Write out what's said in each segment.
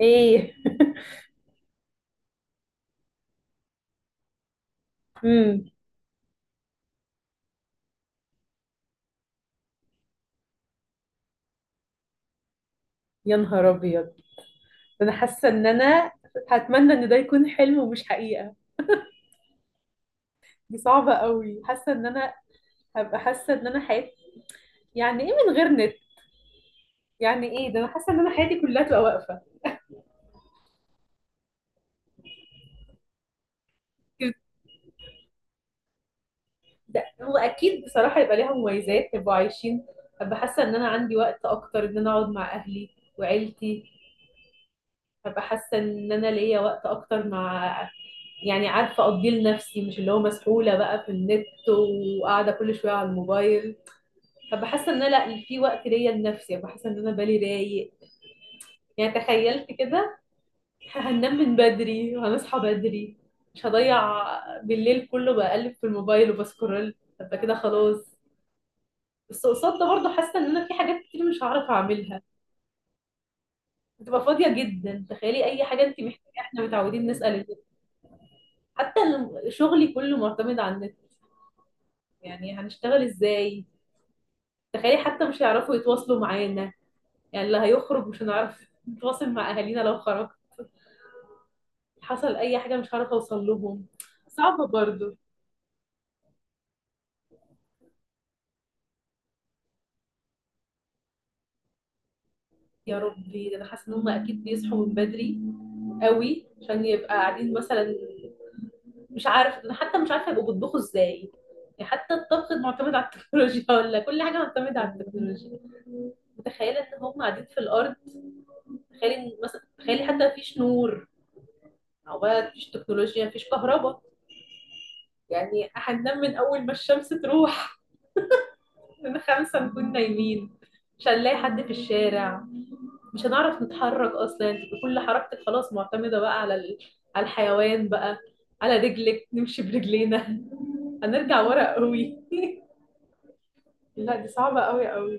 ايه. امم يا نهار ابيض. انا حاسه ان انا هتمنى ان ده يكون حلم ومش حقيقه. دي صعبه قوي، حاسه ان انا هبقى حاسه ان انا حياتي، يعني ايه من غير نت؟ يعني ايه ده؟ انا حاسه ان انا حياتي كلها تبقى واقفه. ده هو اكيد بصراحه يبقى ليها مميزات يبقوا عايشين. هبقى حاسه ان انا عندي وقت اكتر ان انا اقعد مع اهلي وعيلتي. هبقى حاسه ان انا ليا وقت اكتر مع، يعني عارفه اقضيه لنفسي، مش اللي هو مسحوله بقى في النت وقاعده كل شويه على الموبايل. فبحس ان انا، لا، في وقت ليا لنفسي، بحس ان انا بالي رايق. يعني تخيلت كده هننام من بدري وهنصحى بدري، مش هضيع بالليل كله بقلب في الموبايل وبسكرول. هبقى كده خلاص. بس قصاد ده برضه حاسه ان انا في حاجات كتير مش هعرف اعملها. هتبقى فاضيه جدا. تخيلي اي حاجه انت محتاجه احنا متعودين نسال النت. حتى شغلي كله معتمد على النت، يعني هنشتغل ازاي؟ تخيلي حتى مش هيعرفوا يتواصلوا معانا. يعني اللي هيخرج مش هنعرف نتواصل مع اهالينا لو خرج، حصل اي حاجه مش هعرف اوصل لهم. صعبه برضو. يا ربي، ده انا حاسه ان هم اكيد بيصحوا من بدري قوي عشان يبقى قاعدين مثلا. مش عارف انا، حتى مش عارفه يبقوا بيطبخوا ازاي. يعني حتى الطبخ معتمد على التكنولوجيا. ولا كل حاجه معتمده على التكنولوجيا. متخيله ان هم قاعدين في الارض. تخيلي إن مثلا، تخيلي حتى مفيش نور، او بقى مفيش تكنولوجيا، مفيش كهرباء. يعني هننام من اول ما الشمس تروح، من خمسه نكون نايمين. مش هنلاقي حد في الشارع. مش هنعرف نتحرك اصلا. انت كل حركتك خلاص معتمده بقى على على الحيوان بقى، على رجلك، نمشي برجلينا. هنرجع ورا قوي. لا، دي صعبه قوي قوي.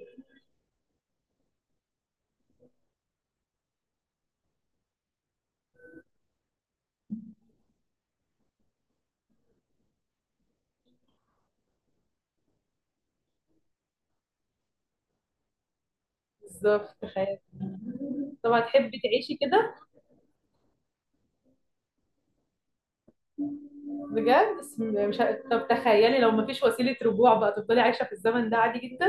بالظبط، تخيل. طب هتحبي تعيشي كده بجد؟ بس م- مش ه... طب تخيلي لو مفيش وسيله رجوع بقى، تفضلي عايشه في الزمن ده عادي جدا.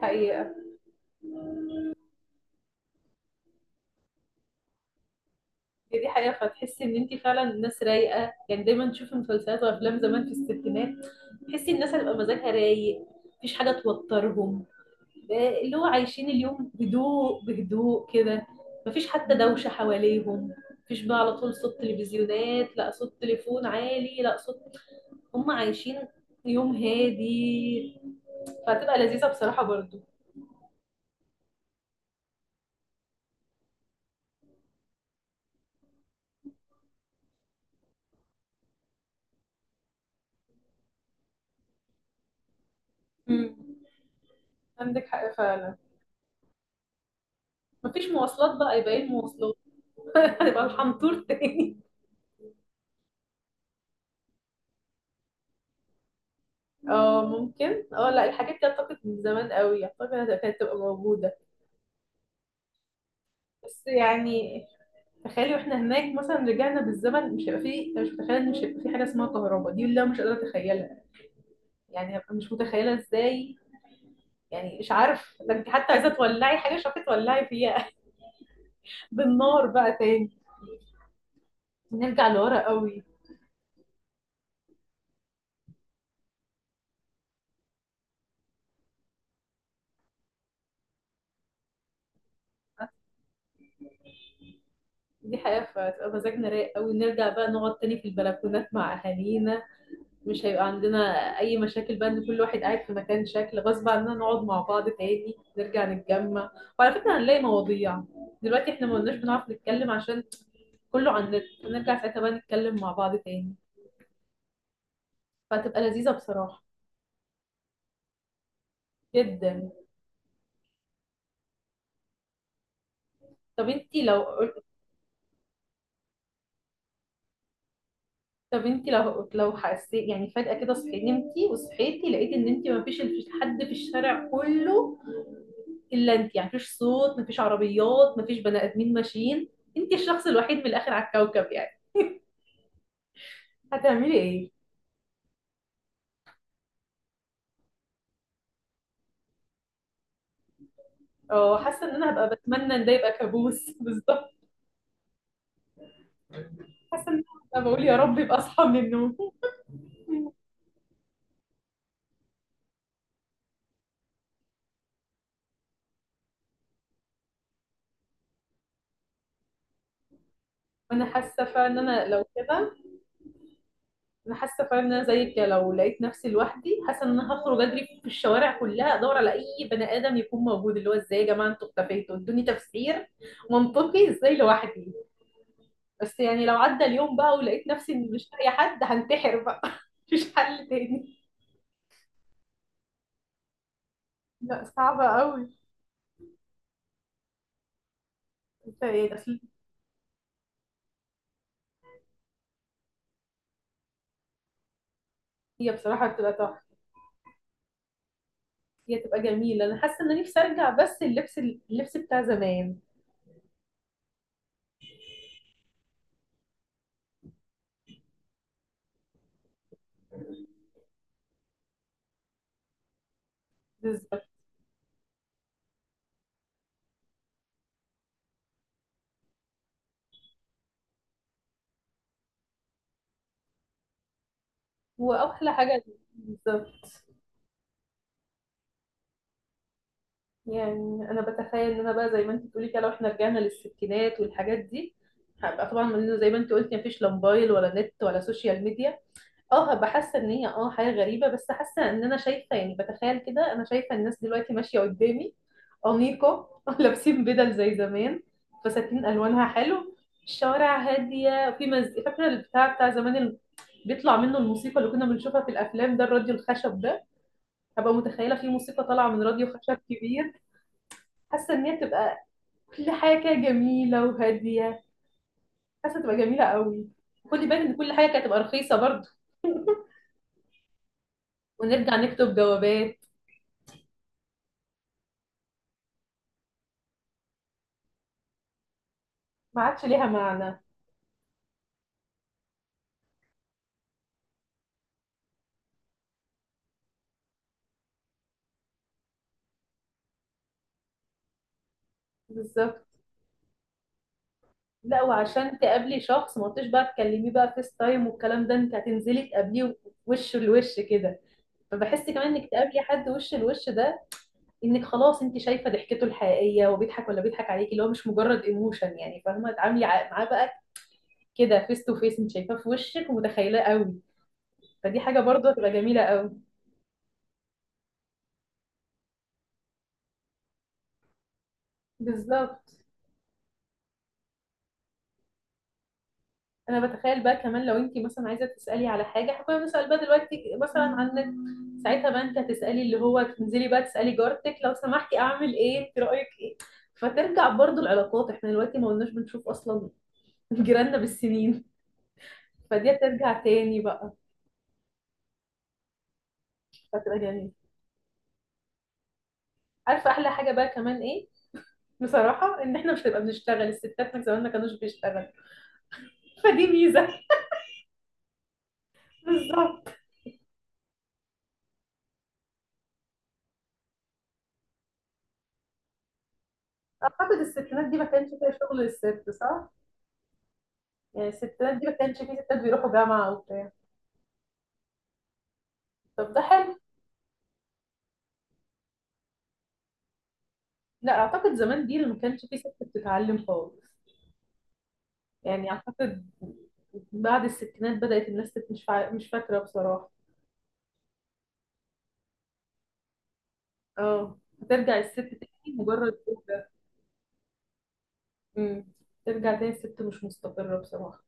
حقيقه. هي دي حقيقه، فتحسي ان انت فعلا ناس رايقه. يعني دايما تشوفي مسلسلات وافلام زمان في الستينات، تحسي الناس هتبقى مزاجها رايق، مفيش حاجه توترهم. اللي هو عايشين اليوم هدوء بهدوء كده، مفيش حتى دوشة حواليهم، مفيش بقى على طول صوت تلفزيونات، لا صوت تليفون عالي، لا صوت. هم عايشين يوم هادي، فهتبقى لذيذة بصراحة برضو. مم. عندك حق فعلا. مفيش مواصلات بقى، يبقى ايه المواصلات؟ هنبقى الحنطور تاني. اه ممكن، اه لا، الحاجات دي اعتقد من زمان قوي اعتقد كانت هتبقى موجودة. بس يعني تخيلي واحنا هناك مثلا رجعنا بالزمن، مش هيبقى فيه، مش متخيله ان مش هيبقى فيه حاجه اسمها كهرباء. دي اللي انا مش قادره اتخيلها. يعني هبقى مش متخيله ازاي. يعني مش عارف، ده انت حتى عايزه تولعي حاجه مش عارفه تولعي فيها. بالنار بقى تاني، نرجع لورا قوي. دي حقيقة، فتبقى مزاجنا رايق قوي، نرجع بقى نقعد تاني في البلكونات مع أهالينا. مش هيبقى عندنا أي مشاكل بقى إن كل واحد قاعد في مكان شكل، غصب عننا نقعد مع بعض تاني، نرجع نتجمع. وعلى فكرة هنلاقي مواضيع. دلوقتي احنا ما قلناش بنعرف نتكلم عشان كله على النت، ونرجع ساعتها بقى نتكلم مع بعض تاني. فهتبقى لذيذة بصراحة جدا. طب انتي لو طب انتي لو لو حسيت يعني فجأة كده صحيت، نمتي وصحيتي لقيت ان انتي مفيش حد في الشارع كله الا انتي. يعني مفيش صوت، مفيش عربيات، مفيش بني ادمين ماشيين، انتي الشخص الوحيد من الاخر على الكوكب يعني. هتعملي ايه؟ اه، حاسة ان انا هبقى بتمنى ان ده يبقى كابوس. بالظبط. حاسة ان انا هبقى بقول يا رب يبقى اصحى من النوم. وانا حاسة فعلا ان انا لو كده. انا حاسه فعلا ان انا زيك، لو لقيت نفسي لوحدي، حاسه ان انا هخرج اجري في الشوارع كلها ادور على اي بني ادم يكون موجود. اللي هو ازاي يا جماعه انتوا اختفيتوا؟ ادوني تفسير منطقي، ازاي لوحدي؟ بس يعني لو عدى اليوم بقى ولقيت نفسي إن مش لاقيه حد، هنتحر بقى. مفيش حل تاني. لا، صعبه قوي. انت ايه أصل؟ هي بصراحه بتبقى تحفه. هي تبقى جميله. انا حاسه ان انا نفسي ارجع بس اللبس، اللبس بتاع زمان. بالظبط. واحلى حاجه. بالظبط. يعني انا بتخيل ان انا بقى زي ما انت بتقولي كده، لو احنا رجعنا للستينات والحاجات دي، هبقى طبعا من زي ما انت قلتي مفيش لا موبايل ولا نت ولا سوشيال ميديا. اه هبقى حاسه ان هي، اه، حاجه غريبه، بس حاسه ان انا شايفه، يعني بتخيل كده، انا شايفه الناس دلوقتي ماشيه قدامي انيقه، لابسين بدل زي زمان، فساتين الوانها حلو، الشوارع هاديه، في فاكره البتاع بتاع زمان اللي بيطلع منه الموسيقى اللي كنا بنشوفها في الافلام، ده الراديو الخشب ده. هبقى متخيله في موسيقى طالعه من راديو خشب كبير. حاسه ان هي تبقى كل حاجه كده جميله وهاديه. حاسه تبقى جميله قوي. خدي بالك ان كل حاجه كانت تبقى رخيصه برضه. ونرجع نكتب جوابات. ما عادش ليها معنى. بالظبط. لا، وعشان تقابلي شخص ما قلتش بقى تكلميه بقى فيس تايم والكلام ده، انت هتنزلي تقابليه وش لوش كده. فبحس كمان انك تقابلي حد وش لوش ده، انك خلاص انت شايفه ضحكته الحقيقيه وبيضحك ولا بيضحك عليكي، اللي هو مش مجرد ايموشن يعني، فاهمه؟ تعاملي معاه بقى كده فيس تو فيس، انت شايفاه في وشك ومتخيلاه قوي. فدي حاجة برضه هتبقى جميلة قوي. بالظبط. انا بتخيل بقى كمان لو انت مثلا عايزة تسألي على حاجة، احنا كنا بنسأل بقى دلوقتي مثلا عن النت، ساعتها بقى انت هتسألي، اللي هو تنزلي بقى تسألي جارتك لو سمحتي اعمل ايه، انت رأيك ايه. فترجع برضه العلاقات. احنا دلوقتي ما قلناش بنشوف اصلا جيراننا بالسنين. فدي هترجع تاني بقى، فتبقى جميلة. عارفة احلى حاجة بقى كمان ايه؟ بصراحة ان احنا مش هنبقى بنشتغل، الستات من زمان ما كانوش بيشتغلوا. فدي ميزة. بالظبط. اعتقد الستينات دي ما كانش فيها شغل للست، صح؟ يعني الستات دي ما كانش في ستات بيروحوا جامعة وبتاع. طب ده حلو. لا، أعتقد زمان دي اللي ما كانش في ست بتتعلم خالص. يعني أعتقد بعد الستينات بدأت الناس مش مش فاكرة بصراحة. اه، هترجع الست تاني مجرد. مم. ترجع تاني الست مش مستقرة بصراحة.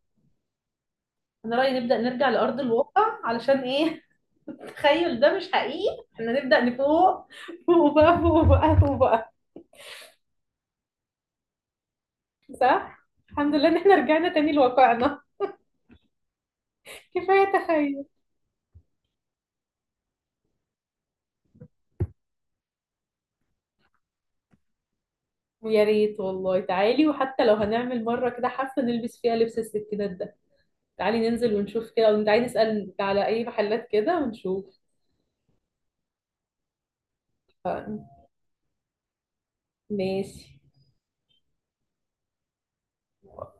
أنا رأيي نبدأ نرجع لأرض الواقع، علشان إيه. التخيل ده مش حقيقي، إحنا نبدأ نفوق. فوق بقى، فوق بقى، فوق بقى. صح، الحمد لله إن إحنا رجعنا تاني لواقعنا. كفاية تخيل. يا ريت والله، تعالي. وحتى لو هنعمل مرة كده حفلة نلبس فيها لبس الستينات ده، تعالي ننزل ونشوف كده، وتعالي نسأل على أي محلات كده ونشوف. ف- ماشي.